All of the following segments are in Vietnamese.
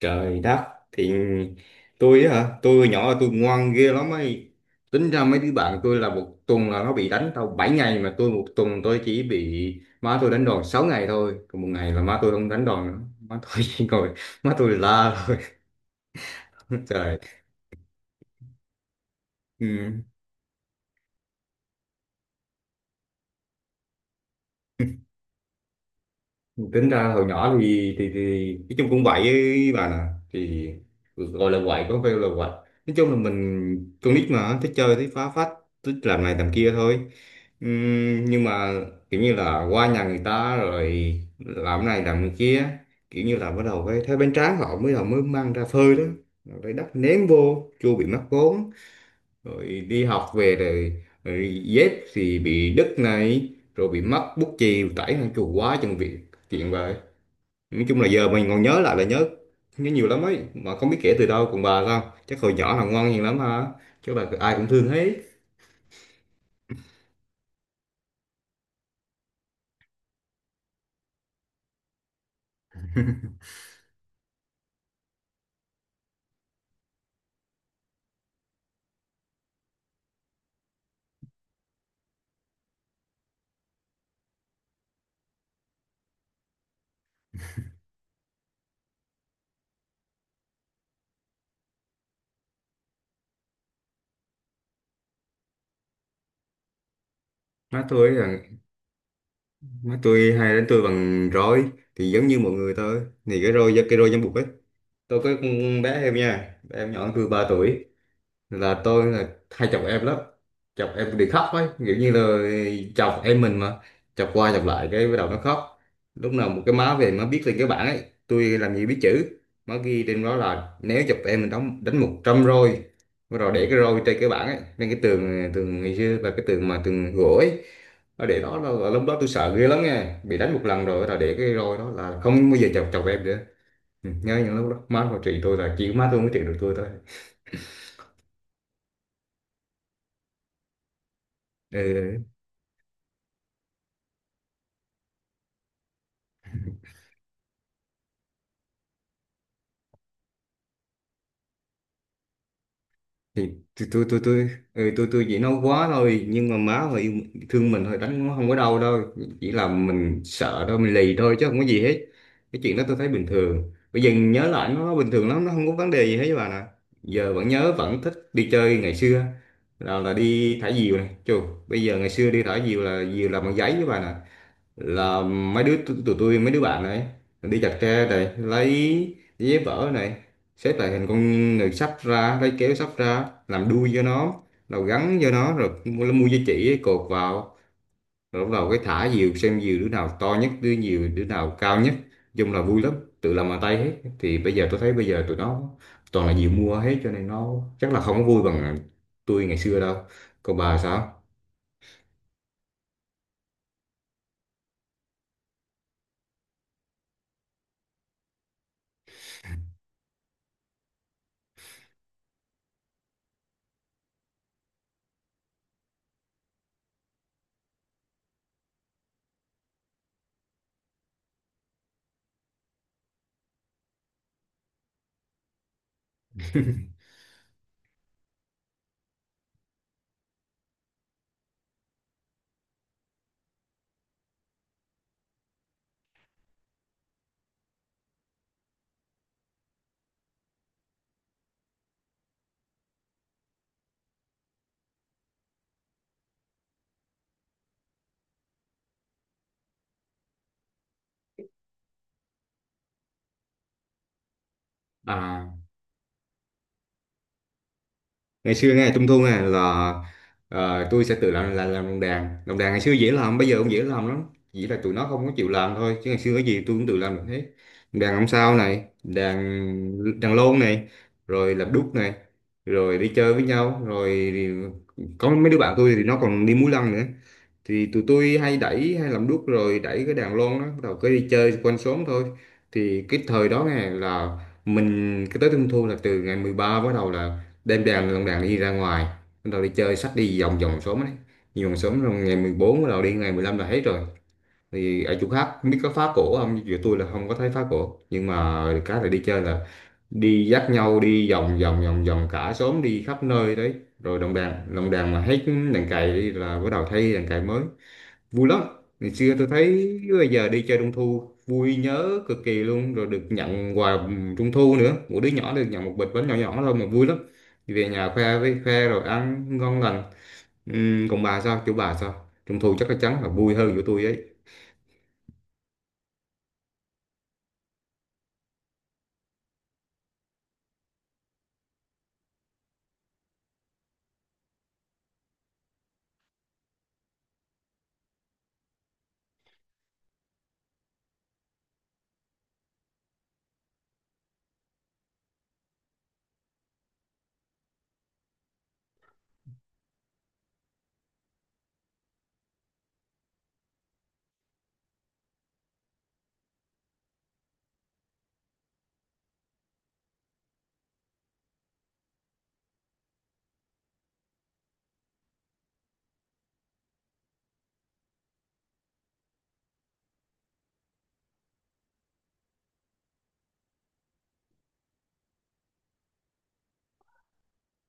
Trời đất, thì tôi á hả, tôi hồi nhỏ là tôi ngoan ghê lắm ấy. Tính ra mấy đứa bạn tôi là một tuần là nó bị đánh tao 7 ngày, mà tôi một tuần tôi chỉ bị má tôi đánh đòn 6 ngày thôi, còn một ngày là má tôi không đánh đòn nữa, má tôi chỉ ngồi má tôi la thôi. Trời, ừ. Tính ra hồi nhỏ thì nói chung cũng vậy với bà nè, thì gọi là quậy có phải là quậy, nói chung là mình con nít mà thích chơi, thích phá phách, thích làm này làm kia thôi. Nhưng mà kiểu như là qua nhà người ta rồi làm cái này làm cái kia, kiểu như là bắt đầu cái thấy bánh tráng họ mới đầu mới mang ra phơi đó, rồi lấy đất ném vô chua bị mắc vốn, rồi đi học về rồi dép thì bị đứt này, rồi bị mất bút chì tẩy hàng chù quá chừng việc, chuyện vậy. Nói chung là giờ mình còn nhớ lại là nhớ, nhớ nhiều lắm ấy mà không biết kể từ đâu. Còn bà sao, chắc hồi nhỏ là ngoan hiền lắm ha, chứ bà ai cũng thương hết. Má tôi ấy là má tôi hay đánh tôi bằng roi, thì giống như mọi người thôi, thì cái roi, cái roi giấm bụt ấy. Tôi có con bé em nha, bé em nhỏ hơn tôi 3 tuổi, là tôi là hay chọc em lắm, chọc em bị khóc ấy, kiểu như là chọc em mình mà, chọc qua chọc lại cái bắt đầu nó khóc. Lúc nào một cái má về má viết lên cái bảng ấy, tôi làm gì biết chữ, má ghi trên đó là nếu chọc em mình đóng đánh 100 roi. Bắt đầu để cái roi trên cái bảng ấy lên cái tường, tường ngày xưa là cái tường mà tường gỗ ấy, nó để đó là lúc đó tôi sợ ghê lắm nha, bị đánh một lần rồi là để cái roi đó là không bao giờ chọc chọc em nữa. Ừ, nhớ những lúc đó má còn trị tôi, là chỉ có má tôi mới trị được tôi thôi. Ừ. Ừ. thì tôi tôi chỉ nói quá thôi, nhưng mà má họ yêu thương mình thôi, đánh nó không có đau đâu, chỉ là mình sợ thôi, mình lì thôi chứ không có gì hết. Cái chuyện đó tôi thấy bình thường, bây giờ nhớ lại nó bình thường lắm, nó không có vấn đề gì hết với bà nè. Giờ vẫn nhớ vẫn thích đi chơi ngày xưa, là đi thả diều này chù. Bây giờ ngày xưa đi thả diều là diều làm bằng giấy với bà nè, là mấy đứa tụi tụi tôi mấy đứa bạn này đi chặt tre này, lấy giấy vỡ này, xếp lại thành con người sắp ra, lấy kéo sắp ra làm đuôi cho nó, rồi gắn cho nó, rồi mua dây chỉ ấy, cột vào, rồi bắt đầu cái thả diều xem diều đứa nào to nhất, đứa nhiều đứa nào cao nhất. Nói chung là vui lắm, tự làm bằng tay hết. Bây giờ tôi thấy bây giờ tụi nó toàn là diều mua hết, cho nên nó chắc là không có vui bằng tôi ngày xưa đâu. Còn bà sao? À, ngày xưa nghe trung thu nè là tôi sẽ tự làm lồng đèn. Lồng đèn ngày xưa dễ làm, bây giờ cũng dễ làm lắm, chỉ là tụi nó không có chịu làm thôi, chứ ngày xưa cái gì tôi cũng tự làm được hết. Đèn ông sao này, đèn đèn lôn này, rồi làm đúc này, rồi đi chơi với nhau. Rồi thì Có mấy đứa bạn tôi thì nó còn đi múa lân nữa, thì tụi tôi hay đẩy hay làm đuốc rồi đẩy cái đàn lon đó, bắt đầu cứ đi chơi quanh xóm thôi. Thì cái thời đó nghe là mình cái tới trung thu là từ ngày 13 bắt đầu là đem đàn đồng đàn đi ra ngoài, bắt đầu đi chơi xách đi vòng vòng xóm ấy, đi vòng xóm. Rồi ngày 14 bắt đầu đi, ngày 15 là hết rồi. Thì ở chỗ khác không biết có phá cổ không, chỗ tôi là không có thấy phá cổ, nhưng mà cái là đi chơi là đi dắt nhau đi vòng vòng cả xóm, đi khắp nơi đấy. Rồi đồng đàn mà hết, đàn cày đi là bắt đầu thay đàn cày mới. Vui lắm. Ngày xưa tôi thấy bây giờ đi chơi trung thu vui nhớ cực kỳ luôn, rồi được nhận quà trung thu nữa, mỗi đứa nhỏ được nhận một bịch bánh nhỏ nhỏ thôi mà vui lắm, về nhà khoe với khoe rồi ăn ngon lành. Còn bà sao, chỗ bà sao trung thu chắc chắn là vui hơn của tôi ấy.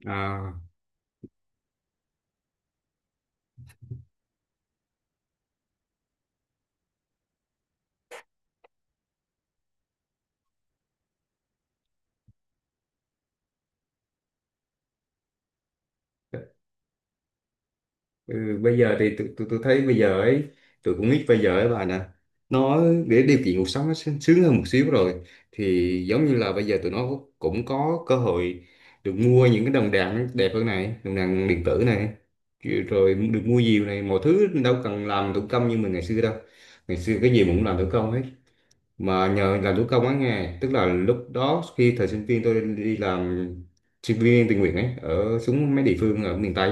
à, Ừ, bây giờ thì tôi thấy bây giờ ấy, tôi cũng nghĩ bây giờ ấy bà nè, nó để điều kiện cuộc sống nó sướng sướng hơn một xíu rồi, thì giống như là bây giờ tụi nó cũng có cơ hội được mua những cái đồng đạn đẹp hơn này, đồng đạn điện tử này, kiểu- rồi được mua nhiều này, mọi thứ đâu cần làm thủ công như mình ngày xưa đâu. Ngày xưa cái gì mình cũng làm thủ công hết, mà nhờ làm thủ công á nghe, tức là lúc đó khi thời sinh viên tôi đi làm sinh viên tình nguyện ấy, ở xuống mấy địa phương ở miền Tây,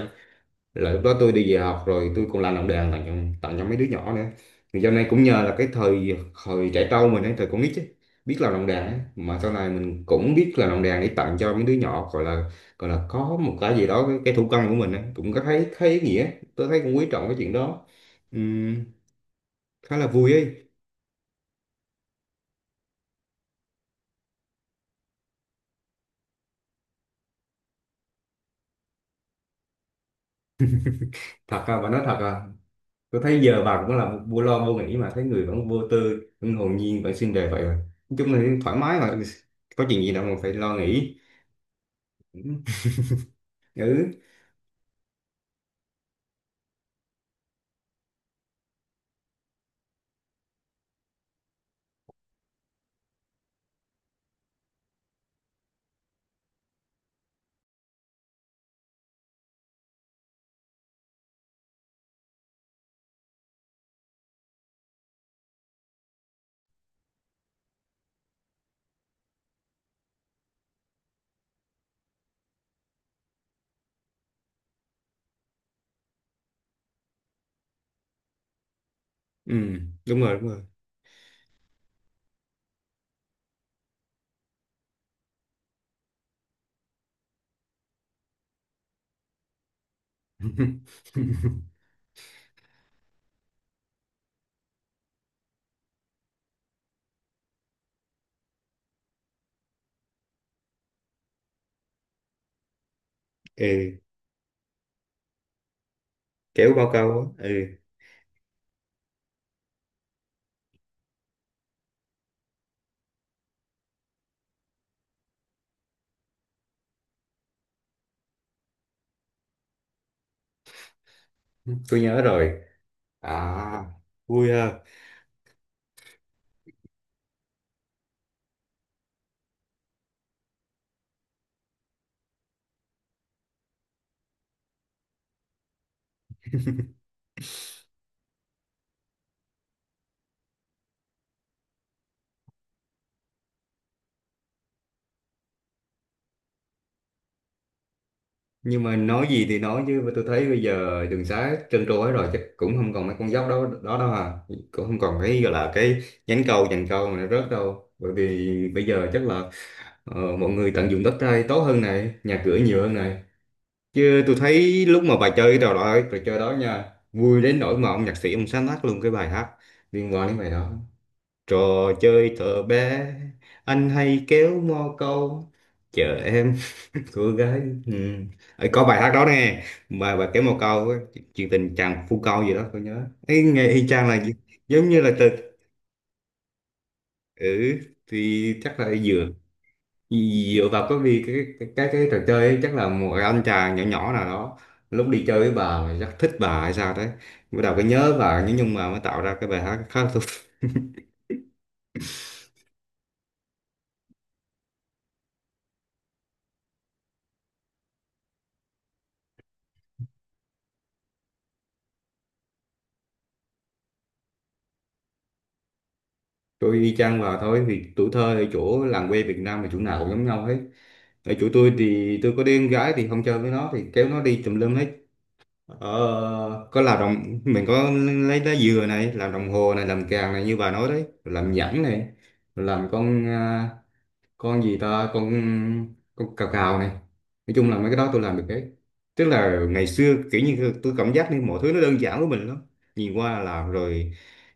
là lúc đó tôi đi về học rồi tôi còn làm đề tặng cho mấy đứa nhỏ nữa. Thì sau này cũng nhờ là cái thời thời trẻ trâu mình ấy, thời con nít ấy, biết làm đồng đàn ấy, mà sau này mình cũng biết làm đồng đàn để tặng cho mấy đứa nhỏ. Gọi là gọi là có một cái gì đó cái thủ công của mình ấy, cũng có thấy thấy ý nghĩa. Tôi thấy cũng quý trọng cái chuyện đó. Ừm, Khá là vui ấy. Thật à, bà nói thật à? Tôi thấy giờ bà cũng là một vô lo vô nghĩ, mà thấy người vẫn vô tư, vẫn hồn nhiên, vẫn xinh đẹp vậy mà. Nói chung là thoải mái mà, có chuyện gì đâu mà phải lo nghĩ. Ừ. Ừ. Đúng rồi, đúng rồi. Ừ, kiểu bao câu á. Ừ, tôi nhớ rồi. À, vui ha. Nhưng mà nói gì thì nói chứ mà tôi thấy bây giờ đường xá trơn trôi rồi, chắc cũng không còn mấy con dốc đó đó đâu à, cũng không còn cái gọi là cái nhánh cầu dàn cầu mà nó rớt đâu, bởi vì bây giờ chắc là mọi người tận dụng đất đai tốt hơn này, nhà cửa nhiều hơn này. Chứ tôi thấy lúc mà bà chơi trò đó, trò chơi đó nha, vui đến nỗi mà ông nhạc sĩ ông sáng tác luôn cái bài hát liên quan đến bài đó. Trò chơi thợ bé, anh hay kéo mò câu, chờ em cô gái. Ừ. Ờ, có bài hát đó nè, bài bài kéo mò câu, á, chuyện tình chàng phu câu gì đó, tôi nhớ. Ấy nghe y chang là gi- giống như là ừ, thì chắc là dựa dựa vào cái, vì cái trò chơi ấy, chắc là một anh chàng nhỏ nhỏ nào đó lúc đi chơi với bà mà chắc thích bà hay sao đấy, bắt đầu cái nhớ bà, nhưng mà mới tạo ra cái bài hát khá. Tôi y chang vào thôi, thì tuổi thơ ở chỗ làng quê Việt Nam là chỗ nào cũng giống nhau hết. Ở chỗ tôi thì tôi có đứa em gái, thì không chơi với nó thì kéo nó đi tùm lum hết. ờ, có làm đồng mình có lấy lá dừa này làm đồng hồ này, làm càng này như bà nói đấy, làm nhẫn này, làm con à, con gì ta con cào cào này. Nói chung là mấy cái đó tôi làm được hết, tức là ngày xưa kiểu như tôi cảm giác như mọi thứ nó đơn giản với mình lắm, nhìn qua là làm rồi,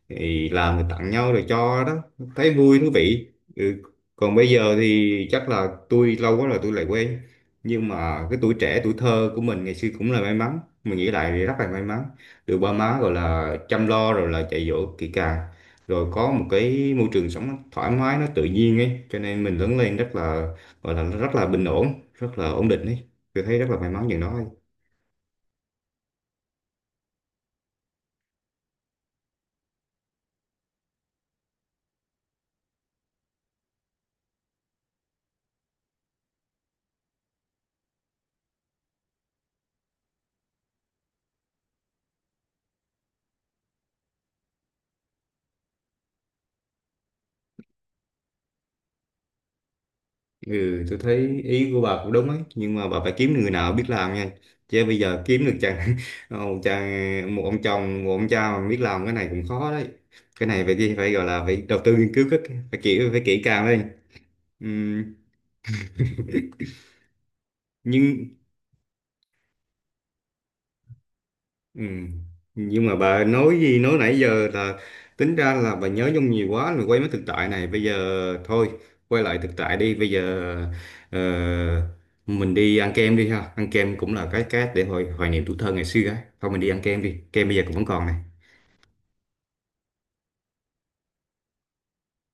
thì làm rồi tặng nhau rồi cho đó, thấy vui thú vị. Ừ. Còn bây giờ thì chắc là tôi lâu quá rồi tôi lại quên, nhưng mà cái tuổi trẻ tuổi thơ của mình ngày xưa cũng là may mắn, mình nghĩ lại thì rất là may mắn, được ba má gọi là chăm lo rồi là dạy dỗ kỹ càng, rồi có một cái môi trường sống nó thoải mái, nó tự nhiên ấy, cho nên mình lớn lên rất là gọi là rất là bình ổn, rất là ổn định ấy. Tôi thấy rất là may mắn chừng đó ấy. Ừ, tôi thấy ý của bà cũng đúng ấy, nhưng mà bà phải kiếm được người nào biết làm nha, chứ bây giờ kiếm được chàng một ông chồng, một ông cha mà biết làm cái này cũng khó đấy. Cái này phải phải gọi là phải đầu tư nghiên cứu rất kỹ, phải kỹ càng lên. Ừm, nhưng. Ừ. Nhưng mà bà nói gì nói nãy giờ là tính ra là bà nhớ nhung nhiều quá rồi, quay mấy thực tại này bây giờ. Thôi quay lại thực tại đi bây giờ. ờ, mình đi ăn kem đi ha, ăn kem cũng là cái để hồi hoài niệm tuổi thơ ngày xưa ấy thôi, mình đi ăn kem đi, kem bây giờ cũng vẫn còn này.